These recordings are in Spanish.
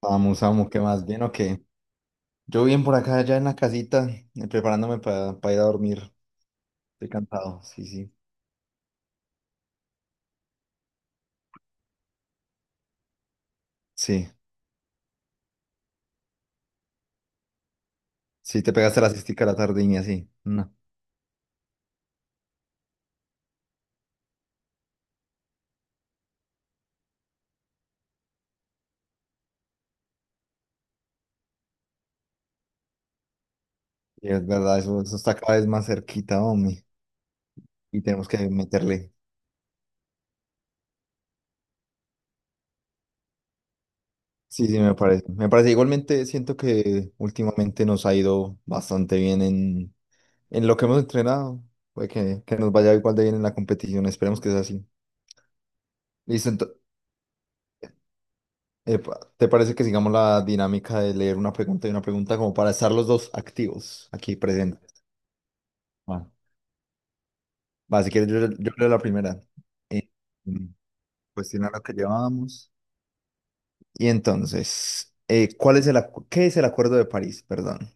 Vamos, vamos, ¿qué más? ¿Bien o qué? Yo bien por acá, ya en la casita, preparándome para ir a dormir. Estoy cansado, sí, sí. Sí, sí, te pegaste la siestica a la tarde y así. No, y es verdad, eso está cada vez más cerquita, hombre. Y tenemos que meterle. Sí, sí, me parece. Me parece. Igualmente siento que últimamente nos ha ido bastante bien en lo que hemos entrenado. Puede que nos vaya igual de bien en la competición. Esperemos que sea así. Listo, epa, ¿te parece que sigamos la dinámica de leer una pregunta y una pregunta como para estar los dos activos aquí presentes? Va, va, si quieres, yo leo la primera. Eh, mm, cuestionar lo que llevábamos. Y entonces, ¿cuál es el, ¿qué es el Acuerdo de París? Perdón.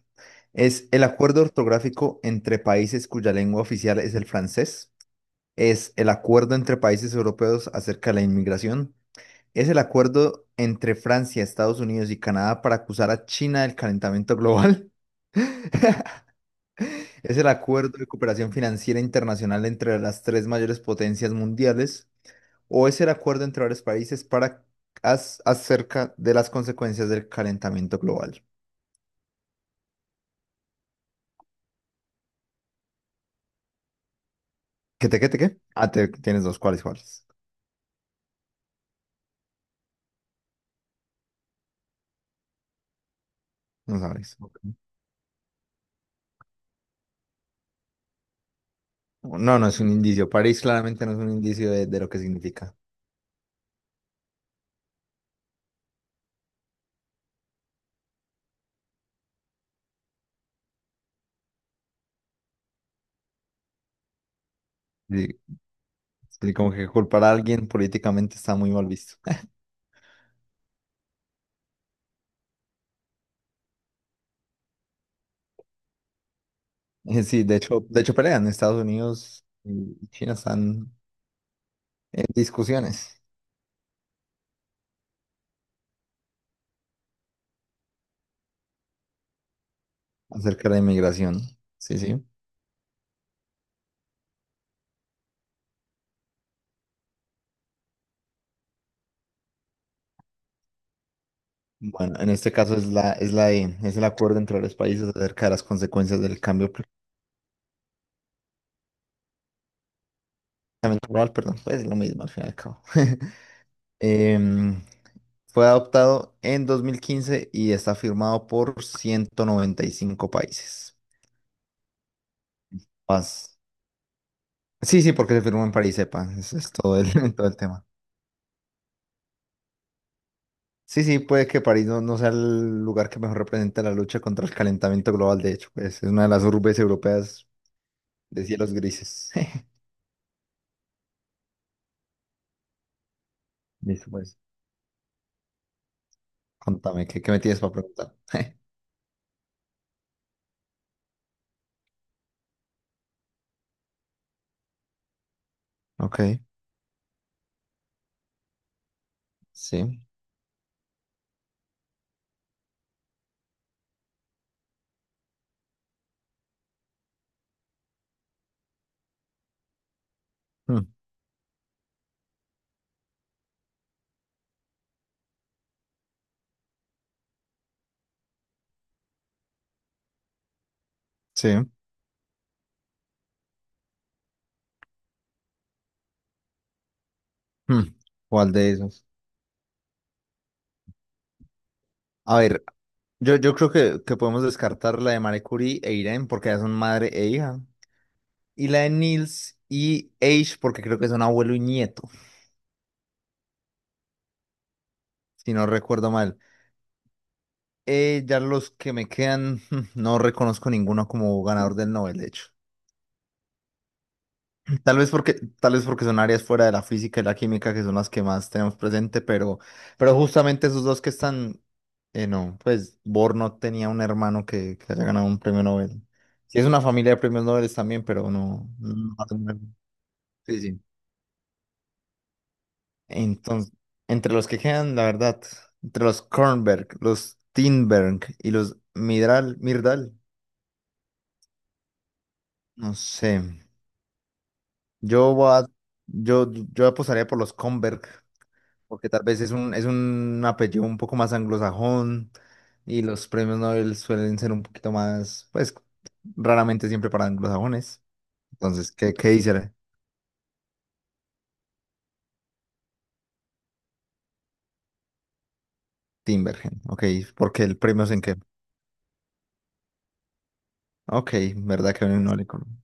¿Es el acuerdo ortográfico entre países cuya lengua oficial es el francés? ¿Es el acuerdo entre países europeos acerca de la inmigración? ¿Es el acuerdo entre Francia, Estados Unidos y Canadá para acusar a China del calentamiento global? ¿Es el Acuerdo de Cooperación Financiera Internacional entre las tres mayores potencias mundiales o es el acuerdo entre varios países para acerca de las consecuencias del calentamiento global? ¿Qué te, qué te, qué? Ah, tienes dos. ¿Cuáles? No sabes. Ok. No, no es un indicio. París claramente no es un indicio de lo que significa. Sí, sí, como que culpar a alguien políticamente está muy mal visto. Sí, de hecho pelean. Estados Unidos y China están en discusiones acerca de inmigración. Sí, sí. Bueno, en este caso es es la E, es el acuerdo entre los países acerca de las consecuencias del cambio climático global, perdón, pues es lo mismo al fin y al cabo. Em, fue adoptado en 2015 y está firmado por 195 países. Paz. Sí, sí, porque se firmó en París, sepa, eso es todo todo el tema. Sí, sí, puede que París no, no sea el lugar que mejor represente la lucha contra el calentamiento global, de hecho, pues es una de las urbes europeas de cielos grises. Listo, pues, contame, ¿qué me tienes para preguntar? Ok, sí. mm, sí. mm, ¿Cuál de esos? A ver, yo creo que podemos descartar la de Marie Curie e Irene porque ya son madre e hija. Y la de Niels y Age porque creo que son abuelo y nieto, si no recuerdo mal. Ya los que me quedan, no reconozco ninguno como ganador del Nobel, de hecho. Tal vez porque, tal vez porque son áreas fuera de la física y la química que son las que más tenemos presente, pero justamente esos dos que están, no, pues Bohr no tenía un hermano que haya ganado un premio Nobel. Sí, es una familia de premios Nobel también, pero no, no hace un hermano. Sí, sí. Entonces, entre los que quedan, la verdad, entre los Kornberg, los Tinberg y los Mirdal, no sé. Yo voy a- yo, yo apostaría por los Kornberg, porque tal vez es es un apellido un poco más anglosajón y los premios Nobel suelen ser un poquito más, pues raramente siempre para anglosajones. Entonces, ¿qué dice Timbergen? Ok, porque el premio es en qué. Ok, verdad que no le con-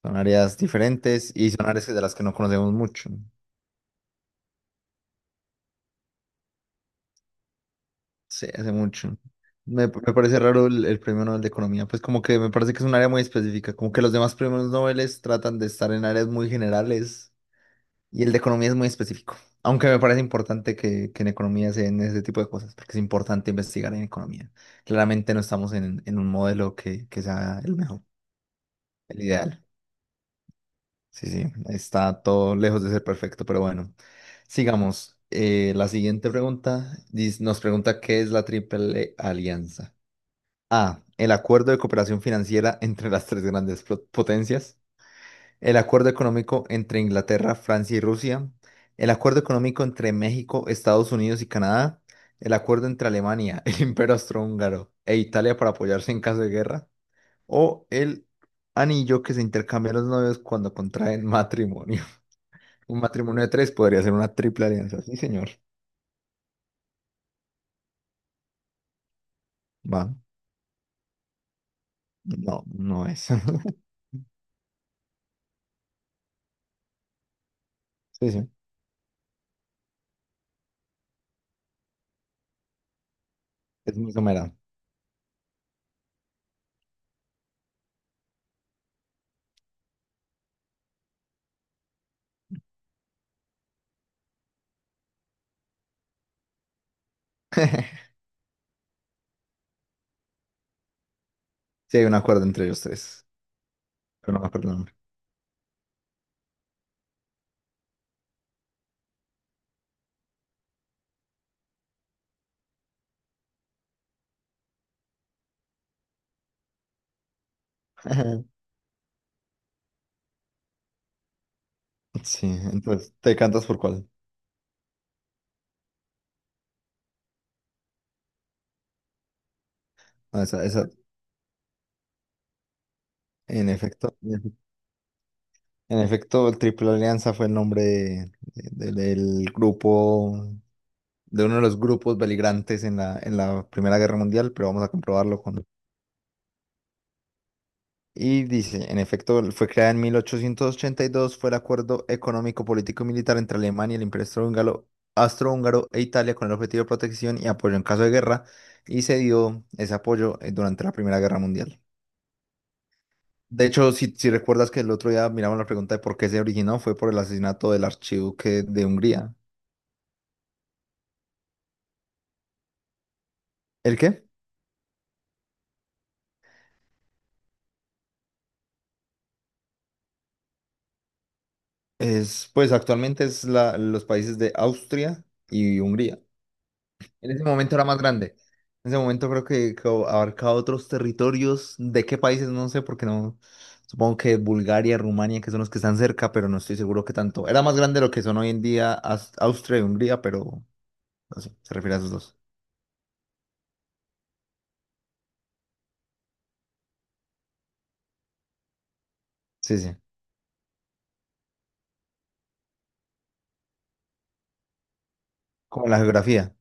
son áreas diferentes y son áreas de las que no conocemos mucho. Sí, hace mucho. Me parece raro el premio Nobel de Economía, pues como que me parece que es un área muy específica, como que los demás premios Nobel tratan de estar en áreas muy generales. Y el de economía es muy específico, aunque me parece importante que en economía se den ese tipo de cosas, porque es importante investigar en economía. Claramente no estamos en un modelo que sea el mejor, el ideal. Sí, sí, está todo lejos de ser perfecto, pero bueno, sigamos. La siguiente pregunta nos pregunta ¿qué es la Triple Alianza? A, el acuerdo de cooperación financiera entre las tres grandes potencias; el acuerdo económico entre Inglaterra, Francia y Rusia; el acuerdo económico entre México, Estados Unidos y Canadá; el acuerdo entre Alemania, el Imperio Austrohúngaro e Italia para apoyarse en caso de guerra; o el anillo que se intercambian los novios cuando contraen matrimonio. Un matrimonio de tres podría ser una triple alianza. Sí, señor. Va. No, no es. Sí, sí. Es muy somera. Sí, hay un acuerdo entre ellos tres, pero no me acuerdo el nombre. Sí, entonces, ¿te cantas por cuál? Ah, esa, en efecto, en efecto, el Triple Alianza fue el nombre del grupo, de uno de los grupos beligrantes en en la Primera Guerra Mundial, pero vamos a comprobarlo con... Y dice, en efecto, fue creada en 1882, fue el acuerdo económico, político y militar entre Alemania, el Imperio Austrohúngaro, Austrohúngaro e Italia con el objetivo de protección y apoyo en caso de guerra, y se dio ese apoyo durante la Primera Guerra Mundial. De hecho, si, si recuerdas que el otro día miramos la pregunta de por qué se originó, fue por el asesinato del archiduque de Hungría. ¿El qué? Es, pues actualmente es la, los países de Austria y Hungría. En ese momento era más grande. En ese momento creo que abarcaba otros territorios. ¿De qué países? No sé, porque no. Supongo que Bulgaria, Rumania, que son los que están cerca, pero no estoy seguro que tanto. Era más grande de lo que son hoy en día Austria y Hungría, pero no sé, se refiere a esos dos. Sí, sí. Como la geografía.